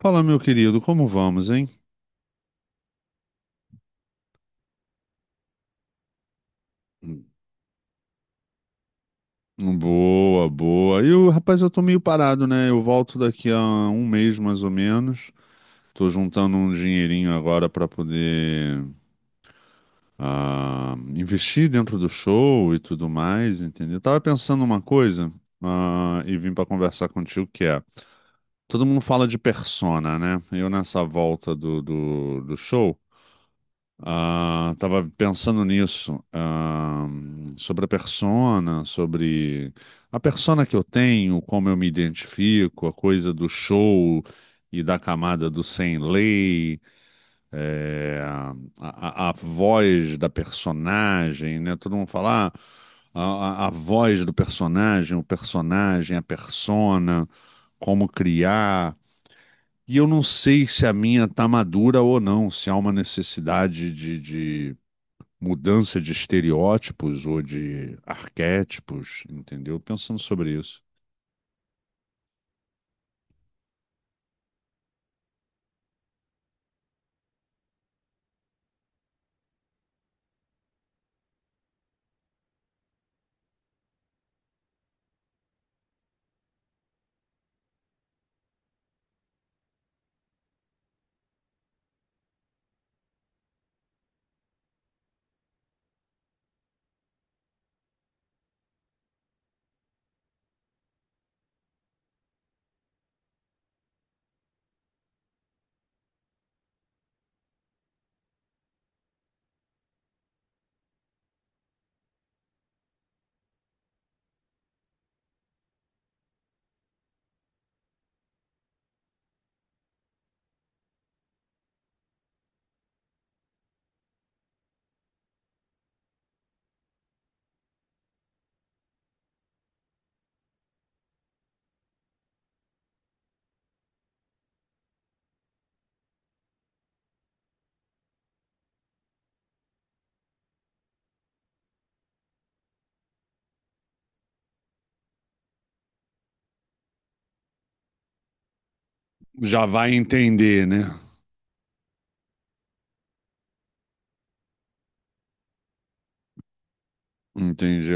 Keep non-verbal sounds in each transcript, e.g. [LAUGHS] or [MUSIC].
Fala, meu querido, como vamos, hein? Boa, boa. E o rapaz, eu tô meio parado, né? Eu volto daqui a um mês mais ou menos. Tô juntando um dinheirinho agora pra poder investir dentro do show e tudo mais, entendeu? Tava pensando uma coisa, e vim pra conversar contigo que é. Todo mundo fala de persona, né? Eu nessa volta do show. Tava pensando nisso, sobre a persona que eu tenho, como eu me identifico, a coisa do show e da camada do sem lei, eh, a, a voz da personagem, né? Todo mundo fala, ah, a voz do personagem, o personagem, a persona, como criar. E eu não sei se a minha tá madura ou não, se há uma necessidade de mudança de estereótipos ou de arquétipos, entendeu? Pensando sobre isso. Já vai entender, né? Entendi.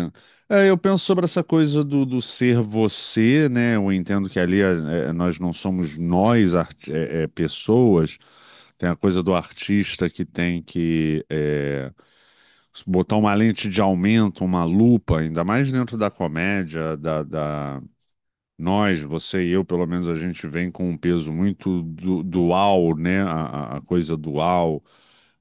É, eu penso sobre essa coisa do ser você, né? Eu entendo que ali é, é, nós não somos nós, pessoas. Tem a coisa do artista que tem que é, botar uma lente de aumento, uma lupa, ainda mais dentro da comédia, Nós, você e eu, pelo menos, a gente vem com um peso muito dual, né? A, a coisa dual,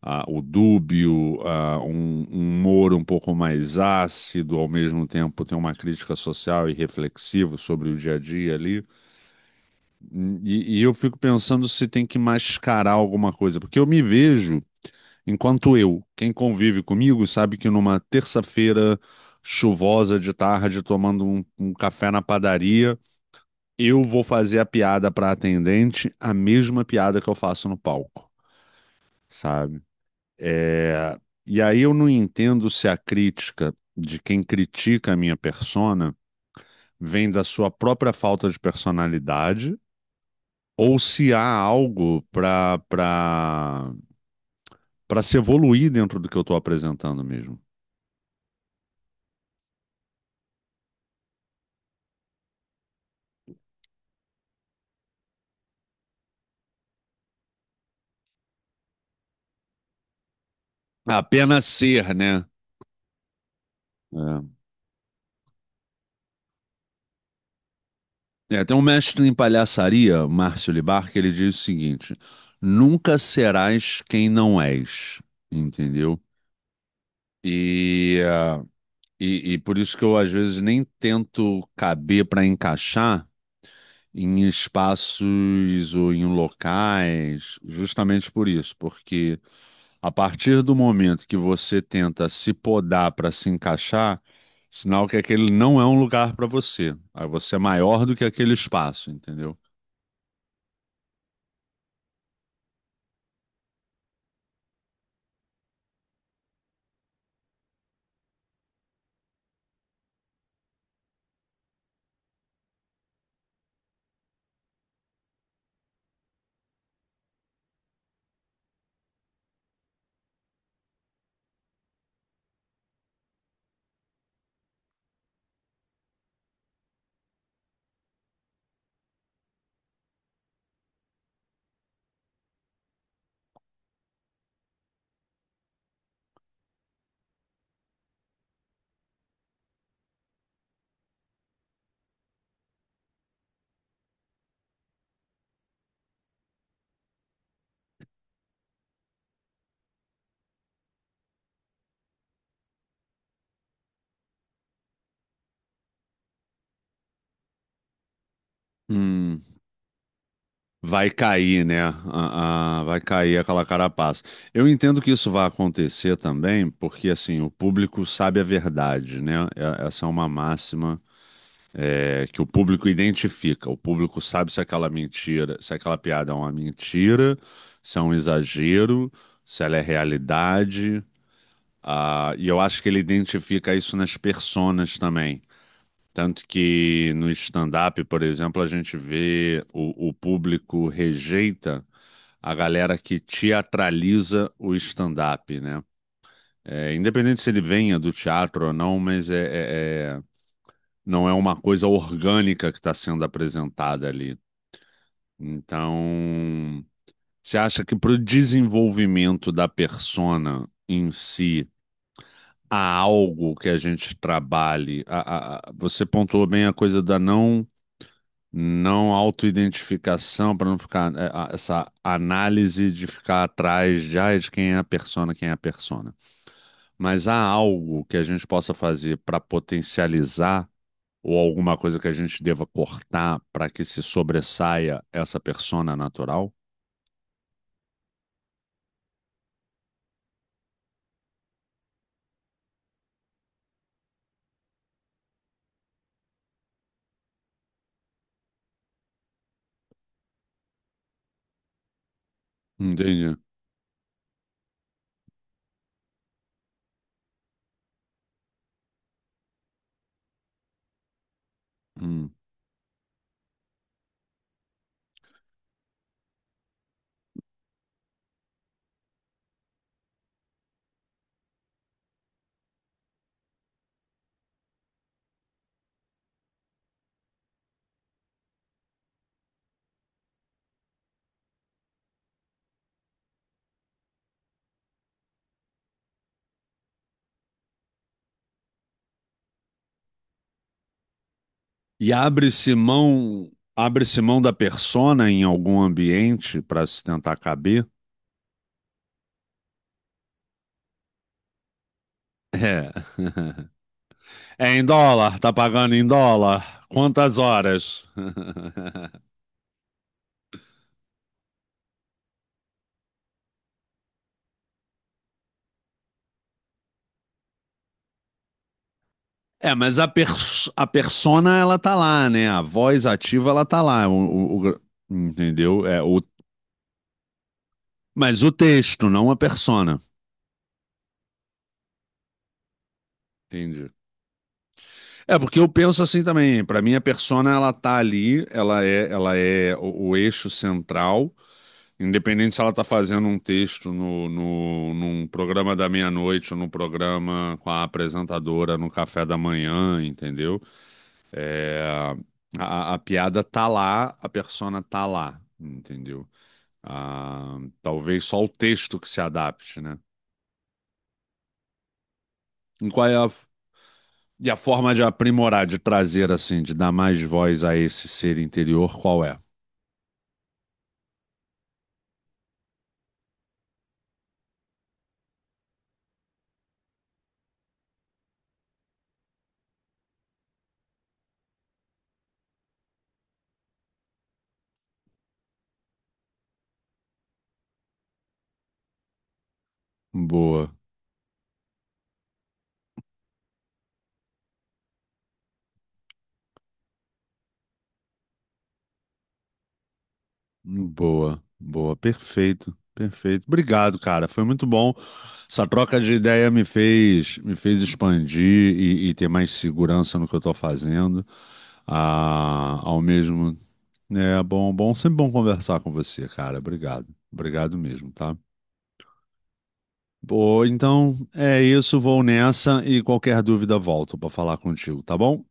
o dúbio, um humor um pouco mais ácido, ao mesmo tempo tem uma crítica social e reflexiva sobre o dia a dia ali. E eu fico pensando se tem que mascarar alguma coisa, porque eu me vejo enquanto eu. Quem convive comigo sabe que numa terça-feira chuvosa de tarde, tomando um café na padaria, eu vou fazer a piada para atendente, a mesma piada que eu faço no palco, sabe? É. E aí eu não entendo se a crítica de quem critica a minha persona vem da sua própria falta de personalidade ou se há algo para se evoluir dentro do que eu estou apresentando mesmo. Apenas ser, né? É. É, tem um mestre em palhaçaria, Márcio Libar, que ele diz o seguinte: nunca serás quem não és, entendeu? E, ah, e por isso que eu às vezes nem tento caber para encaixar em espaços ou em locais, justamente por isso, porque a partir do momento que você tenta se podar para se encaixar, sinal que aquele não é um lugar para você. Aí você é maior do que aquele espaço, entendeu? Hum. Vai cair, né? Vai cair aquela carapaça. Eu entendo que isso vai acontecer também, porque assim, o público sabe a verdade, né? É- Essa é uma máxima, é, que o público identifica. O público sabe se aquela mentira, se aquela piada é uma mentira, se é um exagero, se ela é realidade. Ah, e eu acho que ele identifica isso nas personas também. Tanto que no stand-up, por exemplo, a gente vê o público rejeita a galera que teatraliza o stand-up, né? É, independente se ele venha do teatro ou não, mas é- é- não é uma coisa orgânica que está sendo apresentada ali. Então, você acha que para o desenvolvimento da persona em si, há algo que a gente trabalhe? Você pontuou bem a coisa da não Não autoidentificação, para não ficar é, essa análise de ficar atrás de, ai, de quem é a persona, quem é a persona. Mas há algo que a gente possa fazer para potencializar ou alguma coisa que a gente deva cortar para que se sobressaia essa persona natural? Entendi. Hum. E abre-se mão da persona em algum ambiente para se tentar caber? É. [LAUGHS] É em dólar, tá pagando em dólar. Quantas horas? [LAUGHS] É, mas a, a persona, ela tá lá, né? A voz ativa, ela tá lá. Entendeu? É, o, mas o texto, não a persona. Entendi. É, porque eu penso assim também. Pra mim, a persona, ela tá ali, ela é o eixo central. Independente se ela tá fazendo um texto no, no, num programa da meia-noite ou num programa com a apresentadora no café da manhã, entendeu? É, a piada tá lá, a persona tá lá, entendeu? Ah, talvez só o texto que se adapte, né? E qual é a, e a forma de aprimorar, de trazer assim, de dar mais voz a esse ser interior, qual é? Boa. Boa, boa, perfeito, perfeito. Obrigado, cara. Foi muito bom. Essa troca de ideia me fez expandir e ter mais segurança no que eu tô fazendo. Ah, ao mesmo, né, é bom, bom, sempre bom conversar com você, cara. Obrigado, obrigado mesmo, tá? Boa, então é isso. Vou nessa e qualquer dúvida volto para falar contigo, tá bom?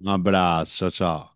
Um abraço, tchau, tchau.